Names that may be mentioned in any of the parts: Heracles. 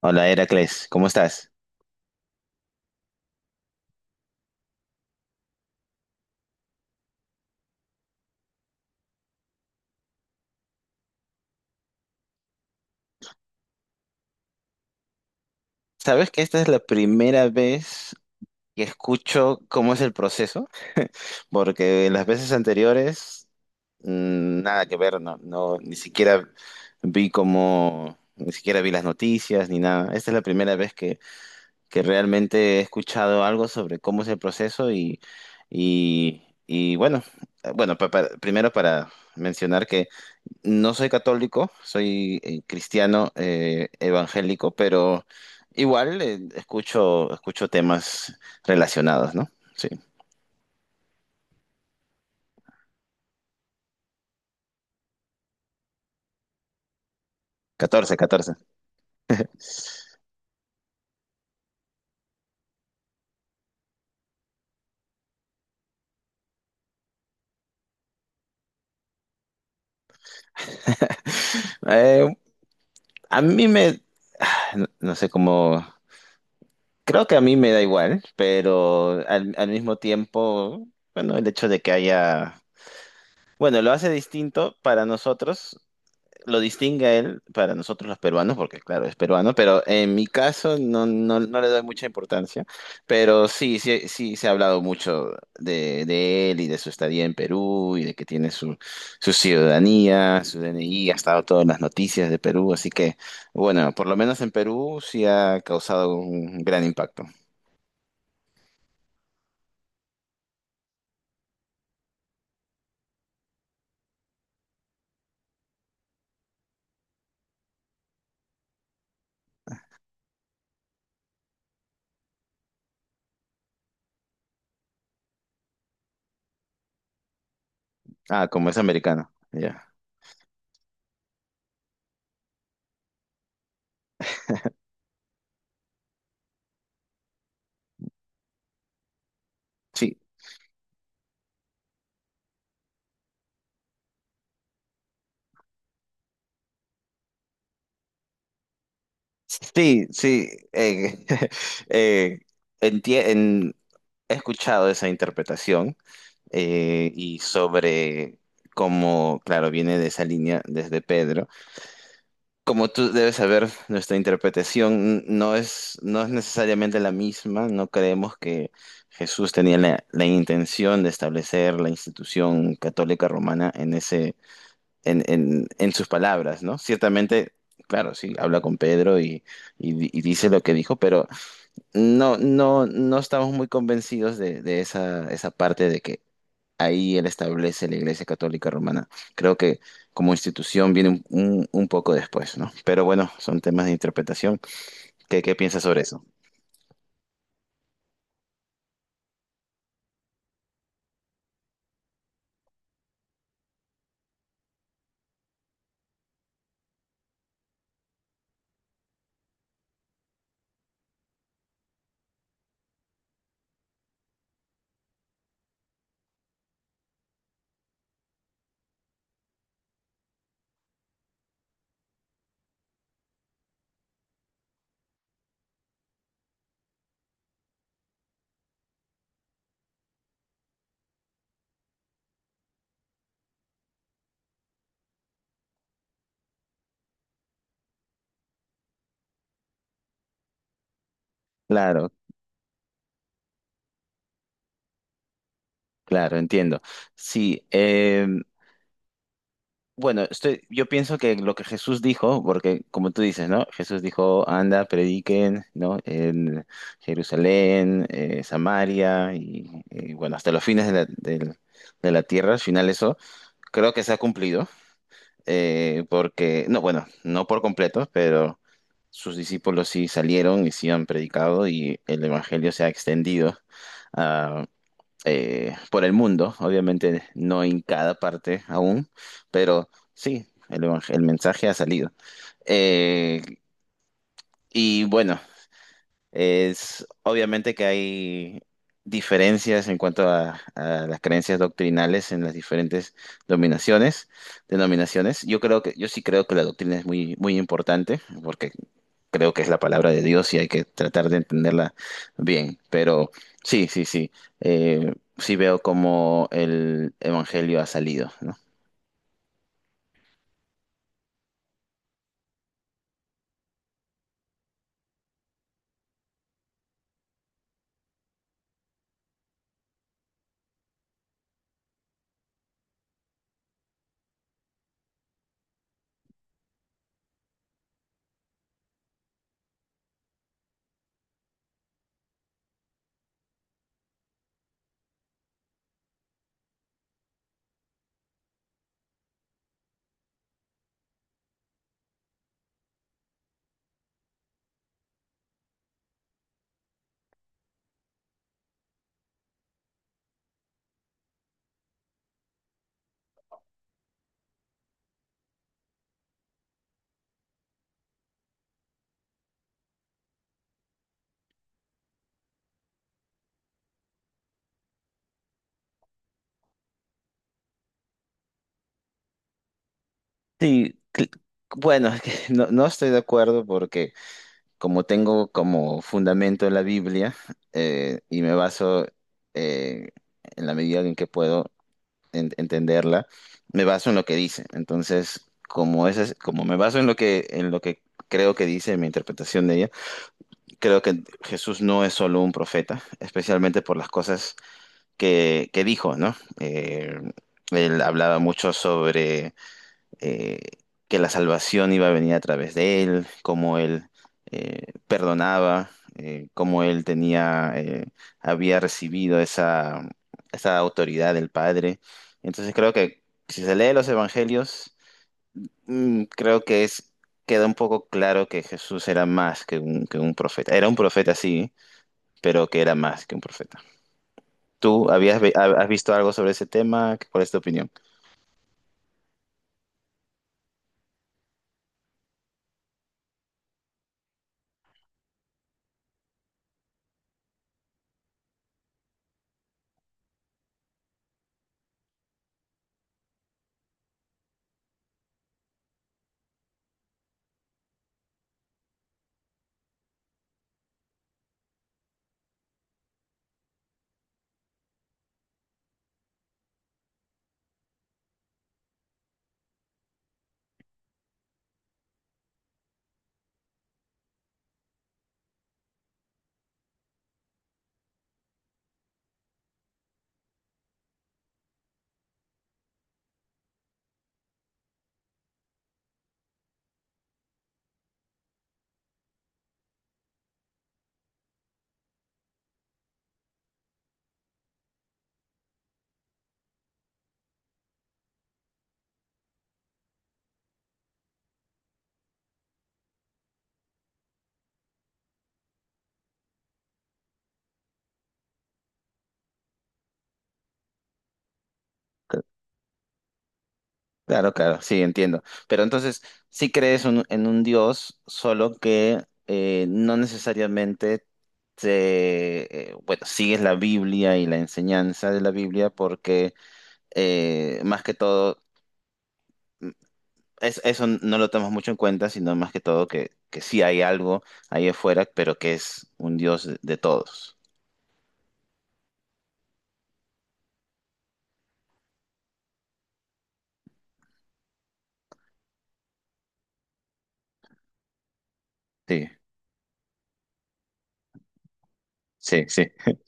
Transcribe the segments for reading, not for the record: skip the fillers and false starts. Hola, Heracles, ¿cómo estás? ¿Sabes que esta es la primera vez que escucho cómo es el proceso? Porque las veces anteriores, nada que ver. No, no, ni siquiera vi las noticias ni nada. Esta es la primera vez que realmente he escuchado algo sobre cómo es el proceso. Y bueno, bueno, primero para mencionar que no soy católico. Soy cristiano, evangélico, pero igual, escucho temas relacionados, ¿no? Sí, catorce, catorce. Eh, a mí me, no, no sé cómo. Creo que a mí me da igual, pero al mismo tiempo, bueno, el hecho de que haya... Bueno, lo distingue a él para nosotros los peruanos, porque claro, es peruano, pero en mi caso, no, no, no le doy mucha importancia, pero sí, sí, sí se ha hablado mucho de él y de su estadía en Perú y de que tiene su ciudadanía, su DNI. Ha estado todas las noticias de Perú, así que bueno, por lo menos en Perú sí ha causado un gran impacto. Ah, como es americano, ya. Sí, sí, sí. eh, eh, entie- en- he escuchado esa interpretación. Y sobre cómo, claro, viene de esa línea desde Pedro. Como tú debes saber, nuestra interpretación no es necesariamente la misma. No creemos que Jesús tenía la intención de establecer la institución católica romana en, ese, en sus palabras, ¿no? Ciertamente, claro, sí, habla con Pedro y dice lo que dijo, pero no, no, no estamos muy convencidos de esa parte de que ahí él establece la Iglesia Católica Romana. Creo que como institución viene un poco después, ¿no? Pero bueno, son temas de interpretación. ¿Qué piensas sobre eso? Claro, claro, entiendo. Sí, bueno, yo pienso que lo que Jesús dijo... Porque como tú dices, ¿no? Jesús dijo: anda, prediquen, ¿no? En Jerusalén, Samaria y, bueno, hasta los fines de de la tierra. Al final, eso creo que se ha cumplido. Porque no, bueno, no por completo, pero sus discípulos sí salieron y sí han predicado y el evangelio se ha extendido ah, por el mundo, obviamente no en cada parte aún, pero sí, el mensaje ha salido. Eh, y bueno, es obviamente que hay diferencias en cuanto a las creencias doctrinales en las diferentes dominaciones, denominaciones. Yo sí creo que la doctrina es muy, muy importante, porque creo que es la palabra de Dios y hay que tratar de entenderla bien. Pero sí, sí, sí. Sí veo cómo el evangelio ha salido, ¿no? Sí, bueno, es que no, no estoy de acuerdo porque como tengo como fundamento la Biblia, y me baso, eh, en la medida en que puedo entenderla, me baso en lo que dice. Entonces, como como me baso en lo que creo que dice, en mi interpretación de ella, creo que Jesús no es solo un profeta, especialmente por las cosas que dijo, ¿no? Él hablaba mucho sobre, eh, que la salvación iba a venir a través de él, cómo él perdonaba, cómo él tenía, había recibido esa autoridad del Padre. Entonces creo que si se lee los evangelios, creo que queda un poco claro que Jesús era más que un profeta. Era un profeta, sí, pero que era más que un profeta. ¿Tú has visto algo sobre ese tema? ¿Cuál es tu opinión? Claro, claro, sí, entiendo. Pero entonces, sí crees en un Dios, solo que, no necesariamente bueno, sigues la Biblia y la enseñanza de la Biblia, porque más que todo, mm, eso no lo tomas mucho en cuenta, sino más que todo que sí hay algo ahí afuera, pero que es un Dios de todos. Sí, sí, sí.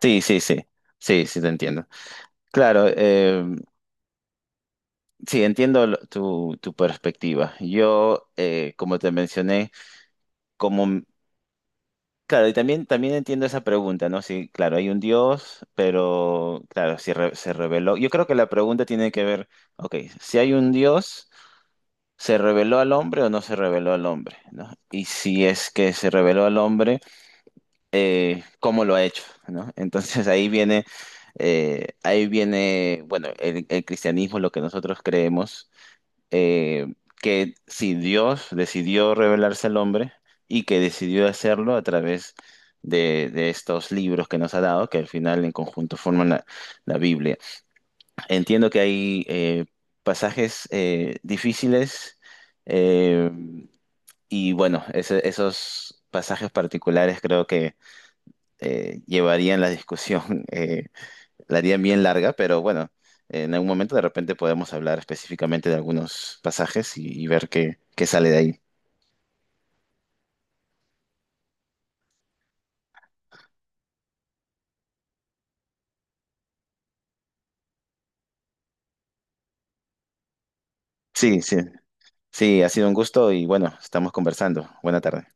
Sí, sí, sí. Sí, sí, te entiendo. Claro, sí, entiendo tu perspectiva. Como te mencioné, como, m- claro, y también entiendo esa pregunta, ¿no? Sí, claro, hay un Dios, pero, claro, si se reveló. Yo creo que la pregunta tiene que ver, ok, si hay un Dios, ¿se reveló al hombre o no se reveló al hombre? ¿No? Y si es que se reveló al hombre, ¿cómo lo ha hecho? ¿No? Entonces ahí viene, bueno, el cristianismo, lo que nosotros creemos, eh, que si Dios decidió revelarse al hombre y que decidió hacerlo a través de estos libros que nos ha dado, que al final en conjunto forman la Biblia. Entiendo que hay pasajes difíciles, eh, y bueno, esos pasajes particulares creo que llevarían la discusión la haría bien larga. Pero bueno, en algún momento de repente podemos hablar específicamente de algunos pasajes y ver qué sale de ahí. Sí, sí, sí, ha sido un gusto y bueno, estamos conversando. Buena tarde.